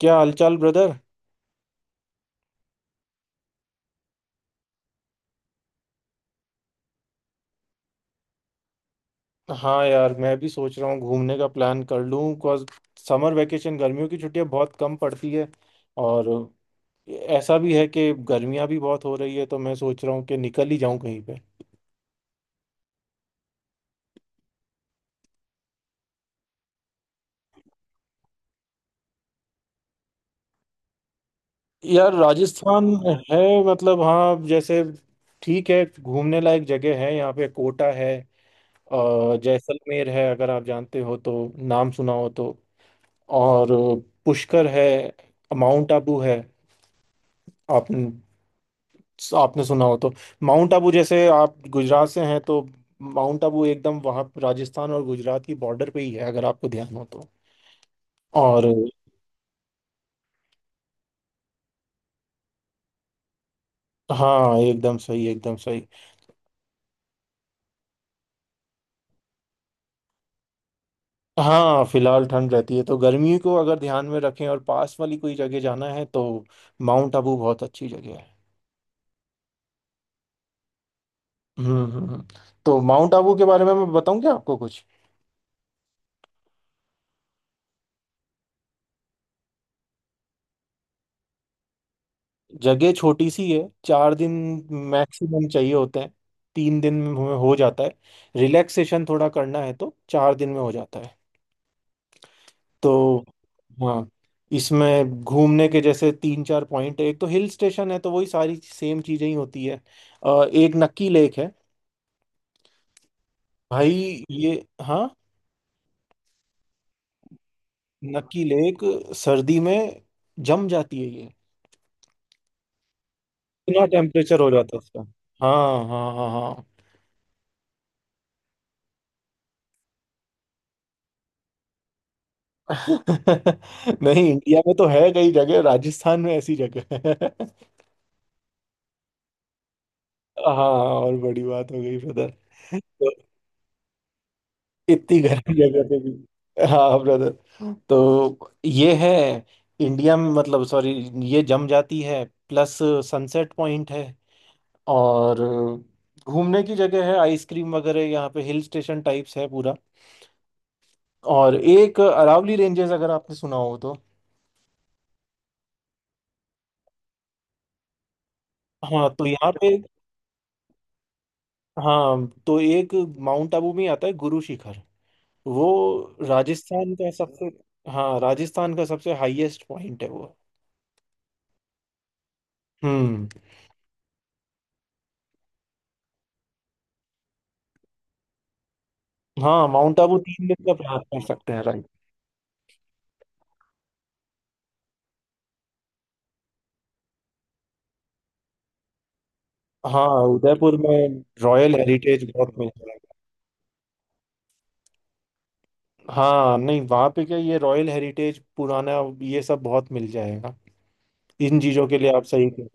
क्या हालचाल, ब्रदर। हाँ यार, मैं भी सोच रहा हूँ घूमने का प्लान कर लूँ, बिकॉज समर वेकेशन गर्मियों की छुट्टियाँ बहुत कम पड़ती है। और ऐसा भी है कि गर्मियाँ भी बहुत हो रही है, तो मैं सोच रहा हूँ कि निकल ही जाऊँ कहीं पे। यार राजस्थान है। मतलब हाँ, जैसे ठीक है, घूमने लायक जगह है। यहाँ पे कोटा है, और जैसलमेर है, अगर आप जानते हो तो, नाम सुना हो तो। और पुष्कर है, माउंट आबू है। आप आपने सुना हो तो, माउंट आबू जैसे आप गुजरात से हैं तो, माउंट आबू एकदम वहाँ राजस्थान और गुजरात की बॉर्डर पे ही है, अगर आपको ध्यान हो तो। और हाँ एकदम सही, एकदम सही। हाँ, फिलहाल ठंड रहती है, तो गर्मी को अगर ध्यान में रखें और पास वाली कोई जगह जाना है तो माउंट आबू बहुत अच्छी जगह है। हम्म हम्म हम्म। तो माउंट आबू के बारे में मैं बताऊं क्या आपको कुछ? जगह छोटी सी है। चार दिन मैक्सिमम चाहिए होते हैं। तीन दिन में हमें हो जाता है, रिलैक्सेशन थोड़ा करना है तो चार दिन में हो जाता है। तो हाँ, इसमें घूमने के जैसे तीन चार पॉइंट है। एक तो हिल स्टेशन है, तो वही सारी सेम चीजें ही होती है। एक नक्की लेक है, भाई ये। हाँ, नक्की लेक सर्दी में जम जाती है ये, इतना टेम्परेचर हो जाता है उसका। हाँ हाँ हाँ हाँ। नहीं, इंडिया में तो है कई जगह, राजस्थान में ऐसी जगह है। हाँ, और बड़ी बात हो गई ब्रदर। तो इतनी गर्म जगह पे भी, हाँ ब्रदर। तो ये है, इंडिया में, मतलब सॉरी, ये जम जाती है। प्लस सनसेट पॉइंट है, और घूमने की जगह है, आइसक्रीम वगैरह। यहाँ पे हिल स्टेशन टाइप्स है पूरा। और एक अरावली रेंजेस, अगर आपने सुना हो तो। हाँ तो यहाँ पे, हाँ तो एक माउंट आबू में आता है गुरु शिखर। वो राजस्थान का सबसे, हाँ राजस्थान का सबसे हाईएस्ट पॉइंट है वो। हम्म। हाँ, माउंट आबू तीन दिन का प्रयास कर सकते हैं, राइट। हाँ, उदयपुर में रॉयल हेरिटेज बहुत मिल जाएगा। हाँ नहीं, वहाँ पे क्या, ये रॉयल हेरिटेज पुराना, ये सब बहुत मिल जाएगा। इन चीज़ों के लिए आप सही थे।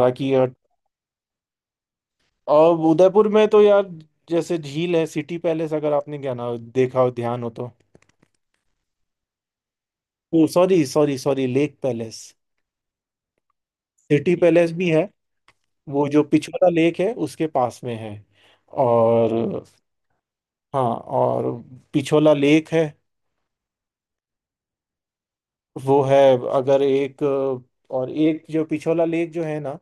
बाकी और। और उदयपुर में तो यार, जैसे झील है, सिटी पैलेस, अगर आपने क्या ना देखा हो ध्यान हो तो। वो sorry sorry sorry, lake palace. City palace भी है। वो जो पिछोला लेक है उसके पास में है। और हाँ, और पिछोला लेक है। वो है, अगर एक, और एक जो पिछोला लेक जो है ना,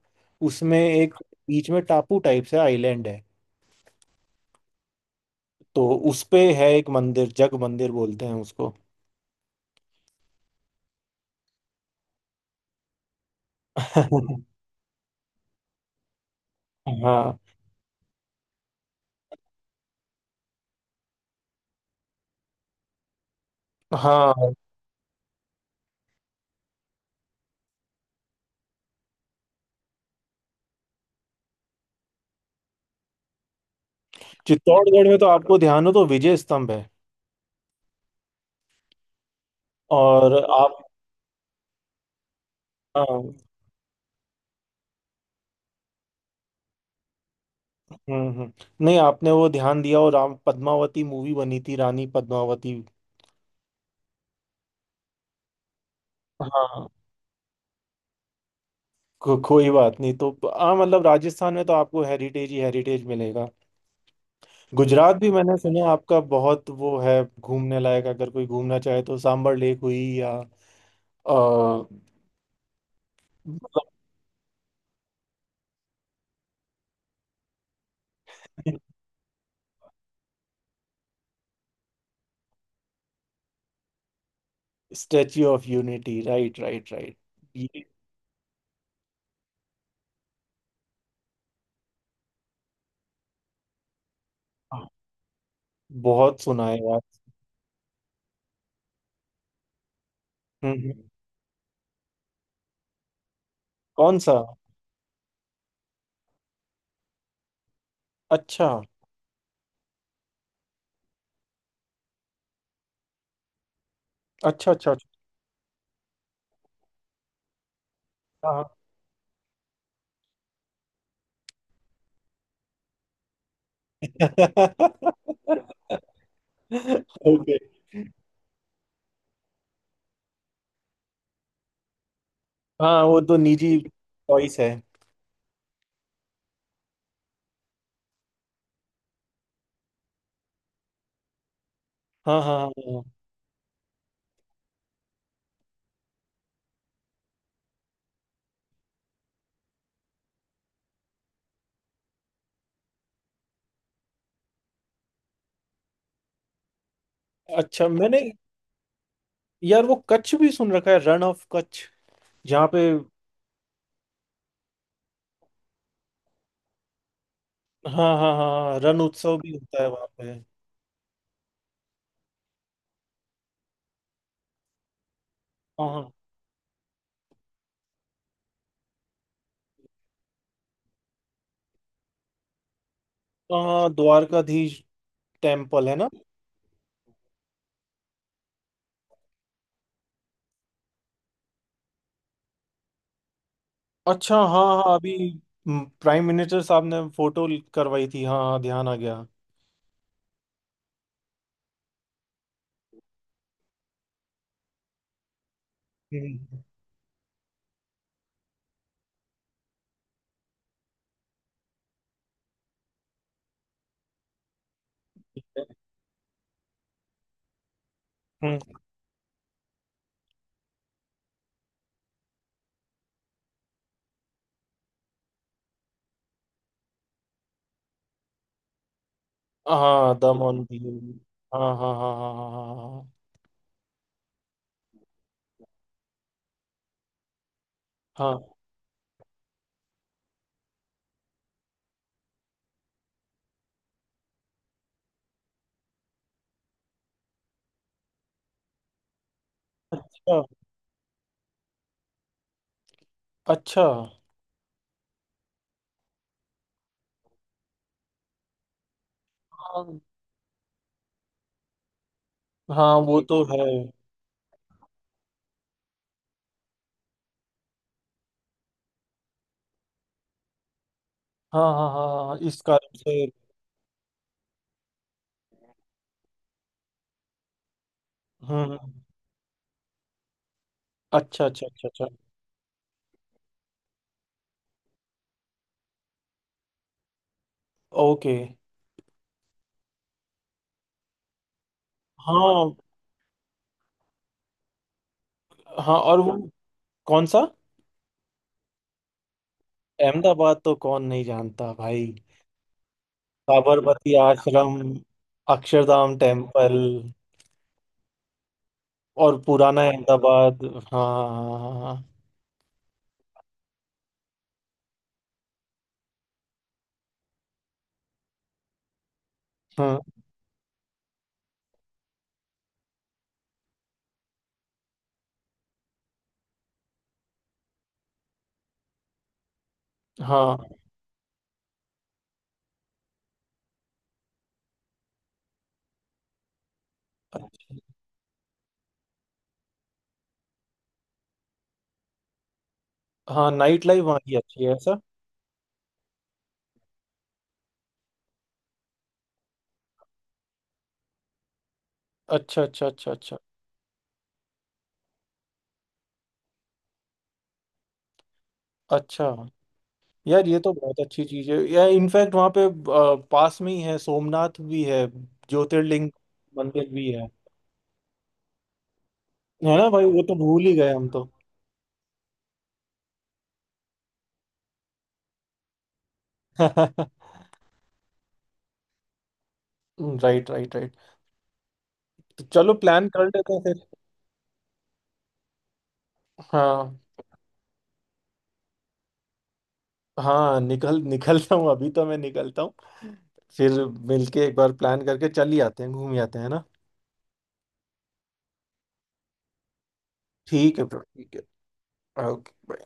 उसमें एक बीच में टापू टाइप से आइलैंड है। तो उस पे है एक मंदिर, जग मंदिर बोलते हैं उसको। हाँ हाँ। चित्तौड़गढ़ में तो आपको ध्यान हो तो विजय स्तंभ है। और आप, हाँ। नहीं, आपने वो ध्यान दिया, और राम पद्मावती मूवी बनी थी, रानी पद्मावती। हाँ कोई बात नहीं। तो हाँ, मतलब राजस्थान में तो आपको हेरिटेज ही हेरिटेज मिलेगा। गुजरात भी मैंने सुना आपका बहुत वो है घूमने लायक, अगर कोई घूमना चाहे तो सांबर लेक हुई या। Statue of unity, right right right. ये बहुत सुना है यार। हम्म हम्म। कौन सा? अच्छा अच्छा अच्छा अच्छा। हाँ ओके। हाँ, वो तो निजी चॉइस है। हाँ हाँ हाँ हाँ। अच्छा मैंने, यार वो कच्छ भी सुन रखा है, रन ऑफ कच्छ, जहाँ पे। हाँ हाँ हाँ हाँ, रन उत्सव भी होता है वहाँ पे। हाँ हाँ हाँ, हाँ, द्वारकाधीश टेम्पल है ना। अच्छा हाँ हाँ, अभी प्राइम मिनिस्टर साहब ने फोटो करवाई थी, हाँ हाँ ध्यान आ गया। हम्म हम्म, हाँ दम ऑन दीव। हाँ हाँ हाँ हाँ हाँ हाँ हाँ हाँ, अच्छा अच्छा। हाँ हाँ, वो तो है। हाँ हाँ हाँ हाँ, हाँ, इस कारण से। हम्म हम्म, हम्म। अच्छा अच्छा अच्छा अच्छा। ओके। हाँ हाँ और वो, कौन सा? अहमदाबाद तो कौन नहीं जानता भाई। साबरमती आश्रम, अक्षरधाम टेम्पल, और पुराना अहमदाबाद। हाँ हाँ। हाँ हाँ हाँ हाँ नाइट लाइफ वहाँ की अच्छी है ऐसा। अच्छा अच्छा अच्छा अच्छा। अच्छा, यार ये तो बहुत अच्छी चीज है यार। इनफैक्ट वहाँ पे पास में ही है, सोमनाथ भी है, ज्योतिर्लिंग मंदिर भी है। है ना भाई, वो तो भूल ही गए हम तो। Right right right. तो चलो प्लान कर लेते हैं फिर। हाँ, हाँ निकलता हूँ, अभी तो मैं निकलता हूँ। फिर मिलके एक बार प्लान करके चल ही आते हैं, घूम ही आते हैं ना। ठीक है ब्रो, ठीक है। ओके।